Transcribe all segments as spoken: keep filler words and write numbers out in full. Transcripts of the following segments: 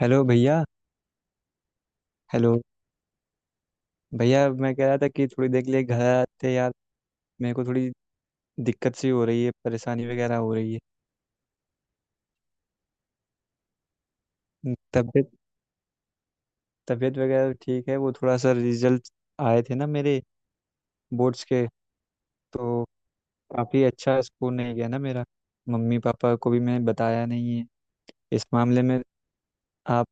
Hello भैया hello भैया, मैं कह रहा था कि थोड़ी देर के लिए घर आते यार। मेरे को थोड़ी दिक्कत सी हो रही है, परेशानी वगैरह हो रही है। न- तबीयत तबीयत वगैरह ठीक है। वो थोड़ा सा रिजल्ट आए थे ना मेरे, बोर्ड्स के, तो काफ़ी अच्छा स्कोर नहीं गया ना मेरा। मम्मी पापा को भी मैंने बताया नहीं है इस मामले में। आप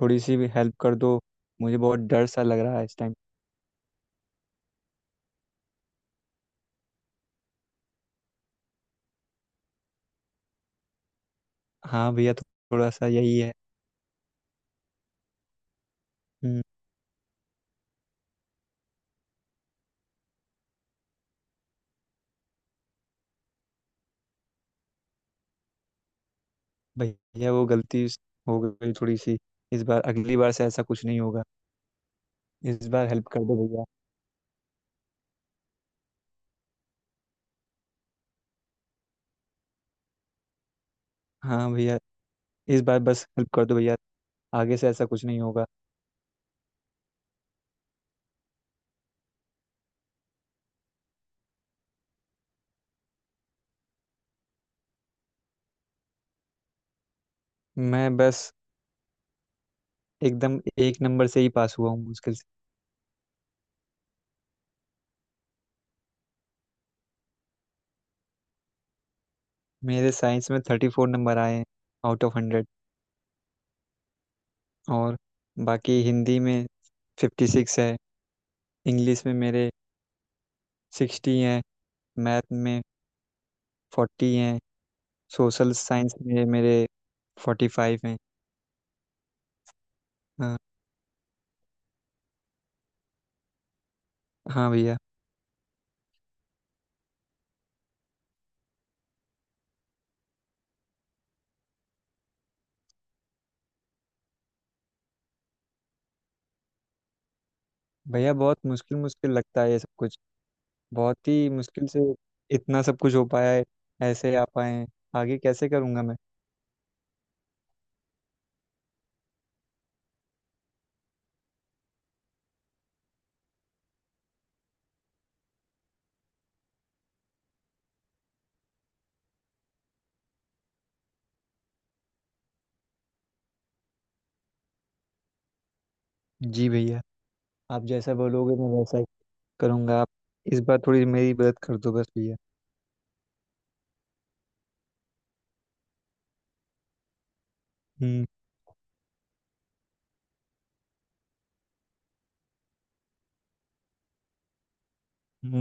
थोड़ी सी भी हेल्प कर दो, मुझे बहुत डर सा लग रहा है इस टाइम। हाँ भैया, थो- थोड़ा सा यही है। हम्म, भैया वो गलती हो गई थोड़ी सी। इस बार, अगली बार से ऐसा कुछ नहीं होगा। इस बार हेल्प कर दो भैया। हाँ भैया, इस बार बस हेल्प कर दो भैया, आगे से ऐसा कुछ नहीं होगा। मैं बस एकदम एक नंबर से ही पास हुआ हूँ मुश्किल से। मेरे साइंस में थर्टी फोर नंबर आए हैं, आउट ऑफ हंड्रेड। और बाकी हिंदी में फिफ्टी सिक्स है। इंग्लिश में मेरे सिक्सटी हैं। मैथ में फोर्टी हैं। सोशल साइंस में मेरे फोर्टी फाइव हैं। हाँ। हाँ भैया। भैया, बहुत मुश्किल मुश्किल लगता है ये सब कुछ। बहुत ही मुश्किल से इतना सब कुछ हो पाया है, ऐसे आ पाए हैं। आगे कैसे करूँगा मैं। जी भैया, आप जैसा बोलोगे मैं वैसा ही करूँगा। आप इस बार थोड़ी मेरी मदद कर दो बस भैया। हम्म।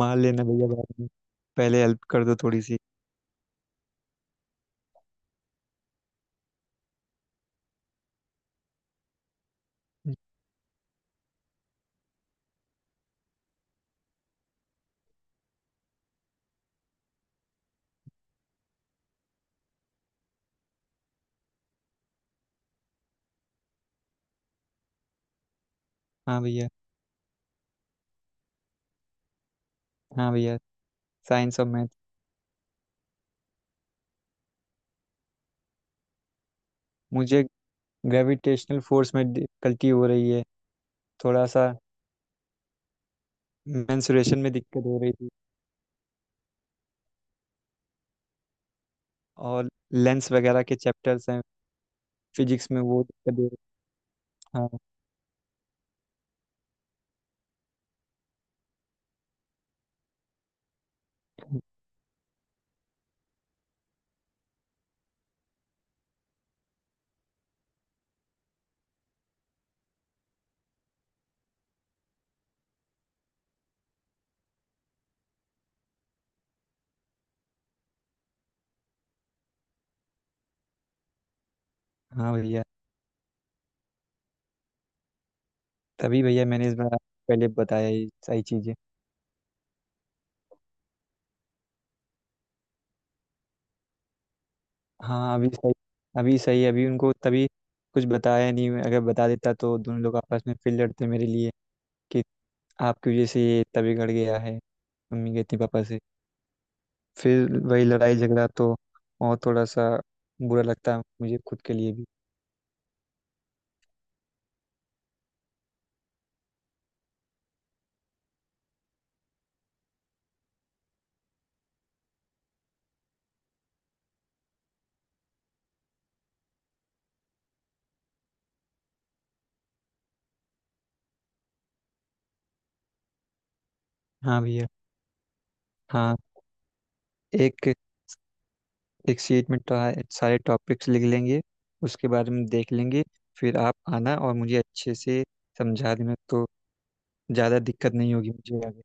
मान लेना भैया बाद में, पहले हेल्प कर दो थोड़ी सी। हाँ भैया। हाँ भैया, साइंस और मैथ। मुझे ग्रेविटेशनल फोर्स में डिफिकल्टी हो रही है थोड़ा सा। मेंसुरेशन में दिक्कत हो रही थी। और लेंस वगैरह के चैप्टर्स हैं, फिजिक्स में वो दिक्कत हो रही। हाँ। हाँ भैया। तभी भैया मैंने इस बार आपको पहले बताया ये सही चीज़ें। हाँ, अभी सही अभी सही है। अभी उनको तभी कुछ बताया नहीं मैं। अगर बता देता तो दोनों लोग आपस में फिर लड़ते मेरे लिए कि आपकी वजह से ये तभी गड़ गया है, मम्मी कहती पापा से, फिर वही लड़ाई झगड़ा। तो और थोड़ा सा बुरा लगता है मुझे खुद के लिए भी। हाँ भैया। हाँ, एक एक शीट में तो सारे टॉपिक्स लिख लेंगे, उसके बारे में देख लेंगे। फिर आप आना और मुझे अच्छे से समझा देना तो ज़्यादा दिक्कत नहीं होगी मुझे आगे।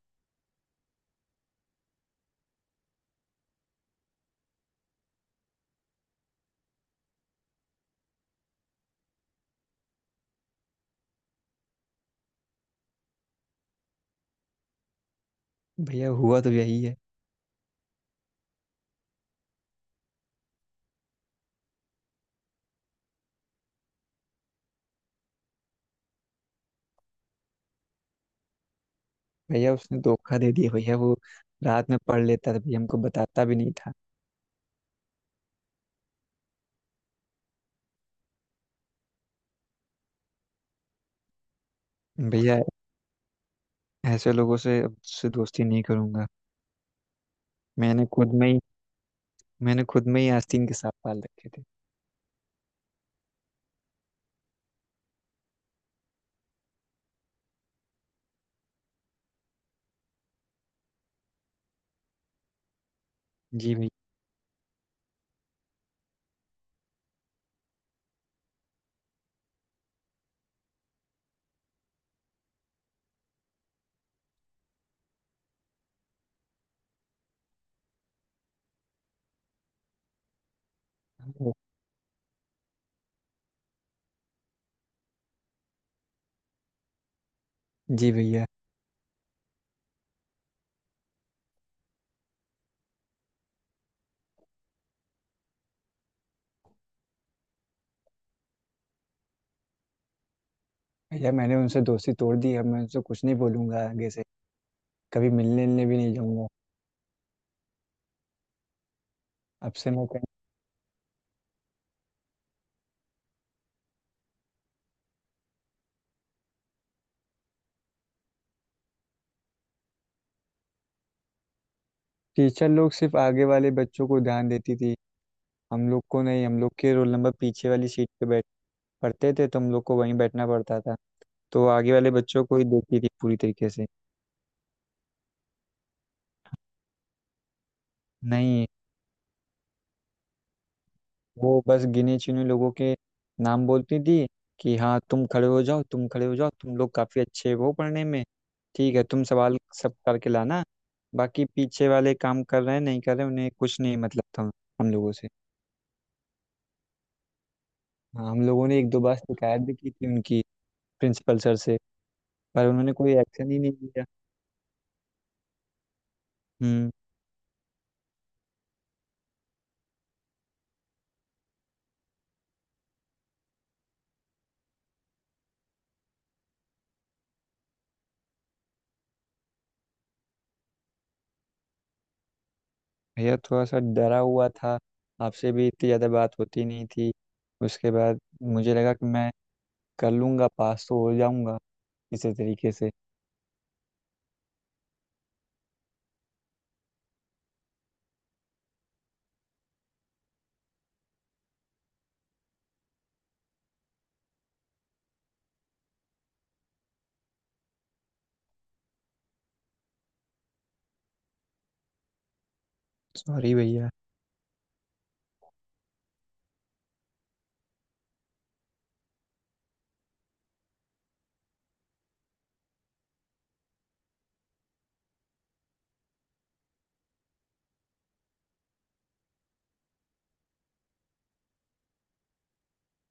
भैया हुआ तो यही है। भैया उसने धोखा दे दिया, भैया वो रात में पढ़ लेता था, भैया हमको बताता भी नहीं था। भैया ऐसे लोगों से अब से दोस्ती नहीं करूंगा। मैंने खुद में ही मैंने खुद में ही आस्तीन के सांप पाल रखे थे। जी भैया। जी भैया। भैया मैंने उनसे दोस्ती तोड़ दी, अब मैं उनसे कुछ नहीं बोलूंगा आगे से, कभी मिलने मिलने भी नहीं जाऊंगा। अब से मैं कहीं। टीचर लोग सिर्फ आगे वाले बच्चों को ध्यान देती थी, हम लोग को नहीं। हम लोग के रोल नंबर पीछे वाली सीट पे बैठ पढ़ते थे, तो हम लोग को वहीं बैठना पड़ता था। तो आगे वाले बच्चों को ही देखती थी पूरी तरीके से। नहीं। वो बस गिने चुने लोगों के नाम बोलती थी कि हाँ, तुम खड़े हो जाओ, तुम खड़े हो जाओ, तुम लोग काफ़ी अच्छे हो पढ़ने में, ठीक है तुम सवाल सब करके लाना। बाकी पीछे वाले काम कर रहे हैं नहीं कर रहे हैं, उन्हें कुछ नहीं मतलब था हम लोगों से। हाँ, हम लोगों ने एक दो बार शिकायत भी की थी उनकी, प्रिंसिपल सर से। पर उन्होंने कोई एक्शन ही नहीं लिया। हम्म। भैया थोड़ा सा डरा हुआ था, आपसे भी इतनी ज़्यादा बात होती नहीं थी। उसके बाद मुझे लगा कि मैं कर लूंगा, पास तो हो जाऊंगा किसी तरीके से। सॉरी भैया।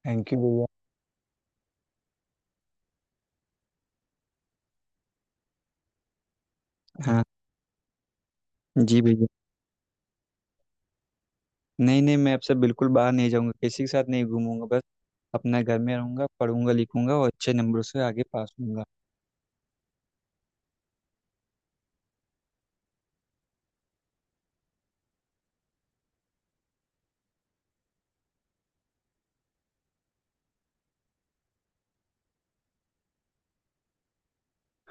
थैंक यू भैया। हाँ। जी भैया। नहीं नहीं, मैं अब से बिल्कुल बाहर नहीं जाऊंगा, किसी के साथ नहीं घूमूंगा बस, अपना घर में रहूंगा, पढ़ूंगा लिखूंगा और अच्छे नंबरों से आगे पास होऊंगा।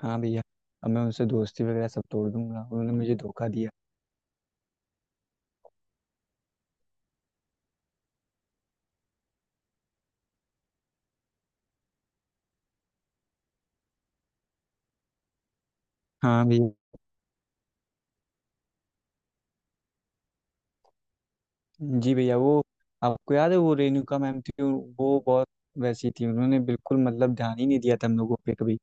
हाँ भैया, अब मैं उनसे दोस्ती वगैरह सब तोड़ दूंगा, उन्होंने मुझे धोखा दिया। हाँ भैया। जी भैया, वो आपको याद है वो रेणुका मैम थी, वो बहुत वैसी थी, उन्होंने बिल्कुल मतलब ध्यान ही नहीं दिया था हम लोगों पे कभी।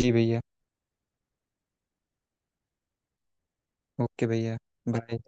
जी भैया। ओके भैया। बाय।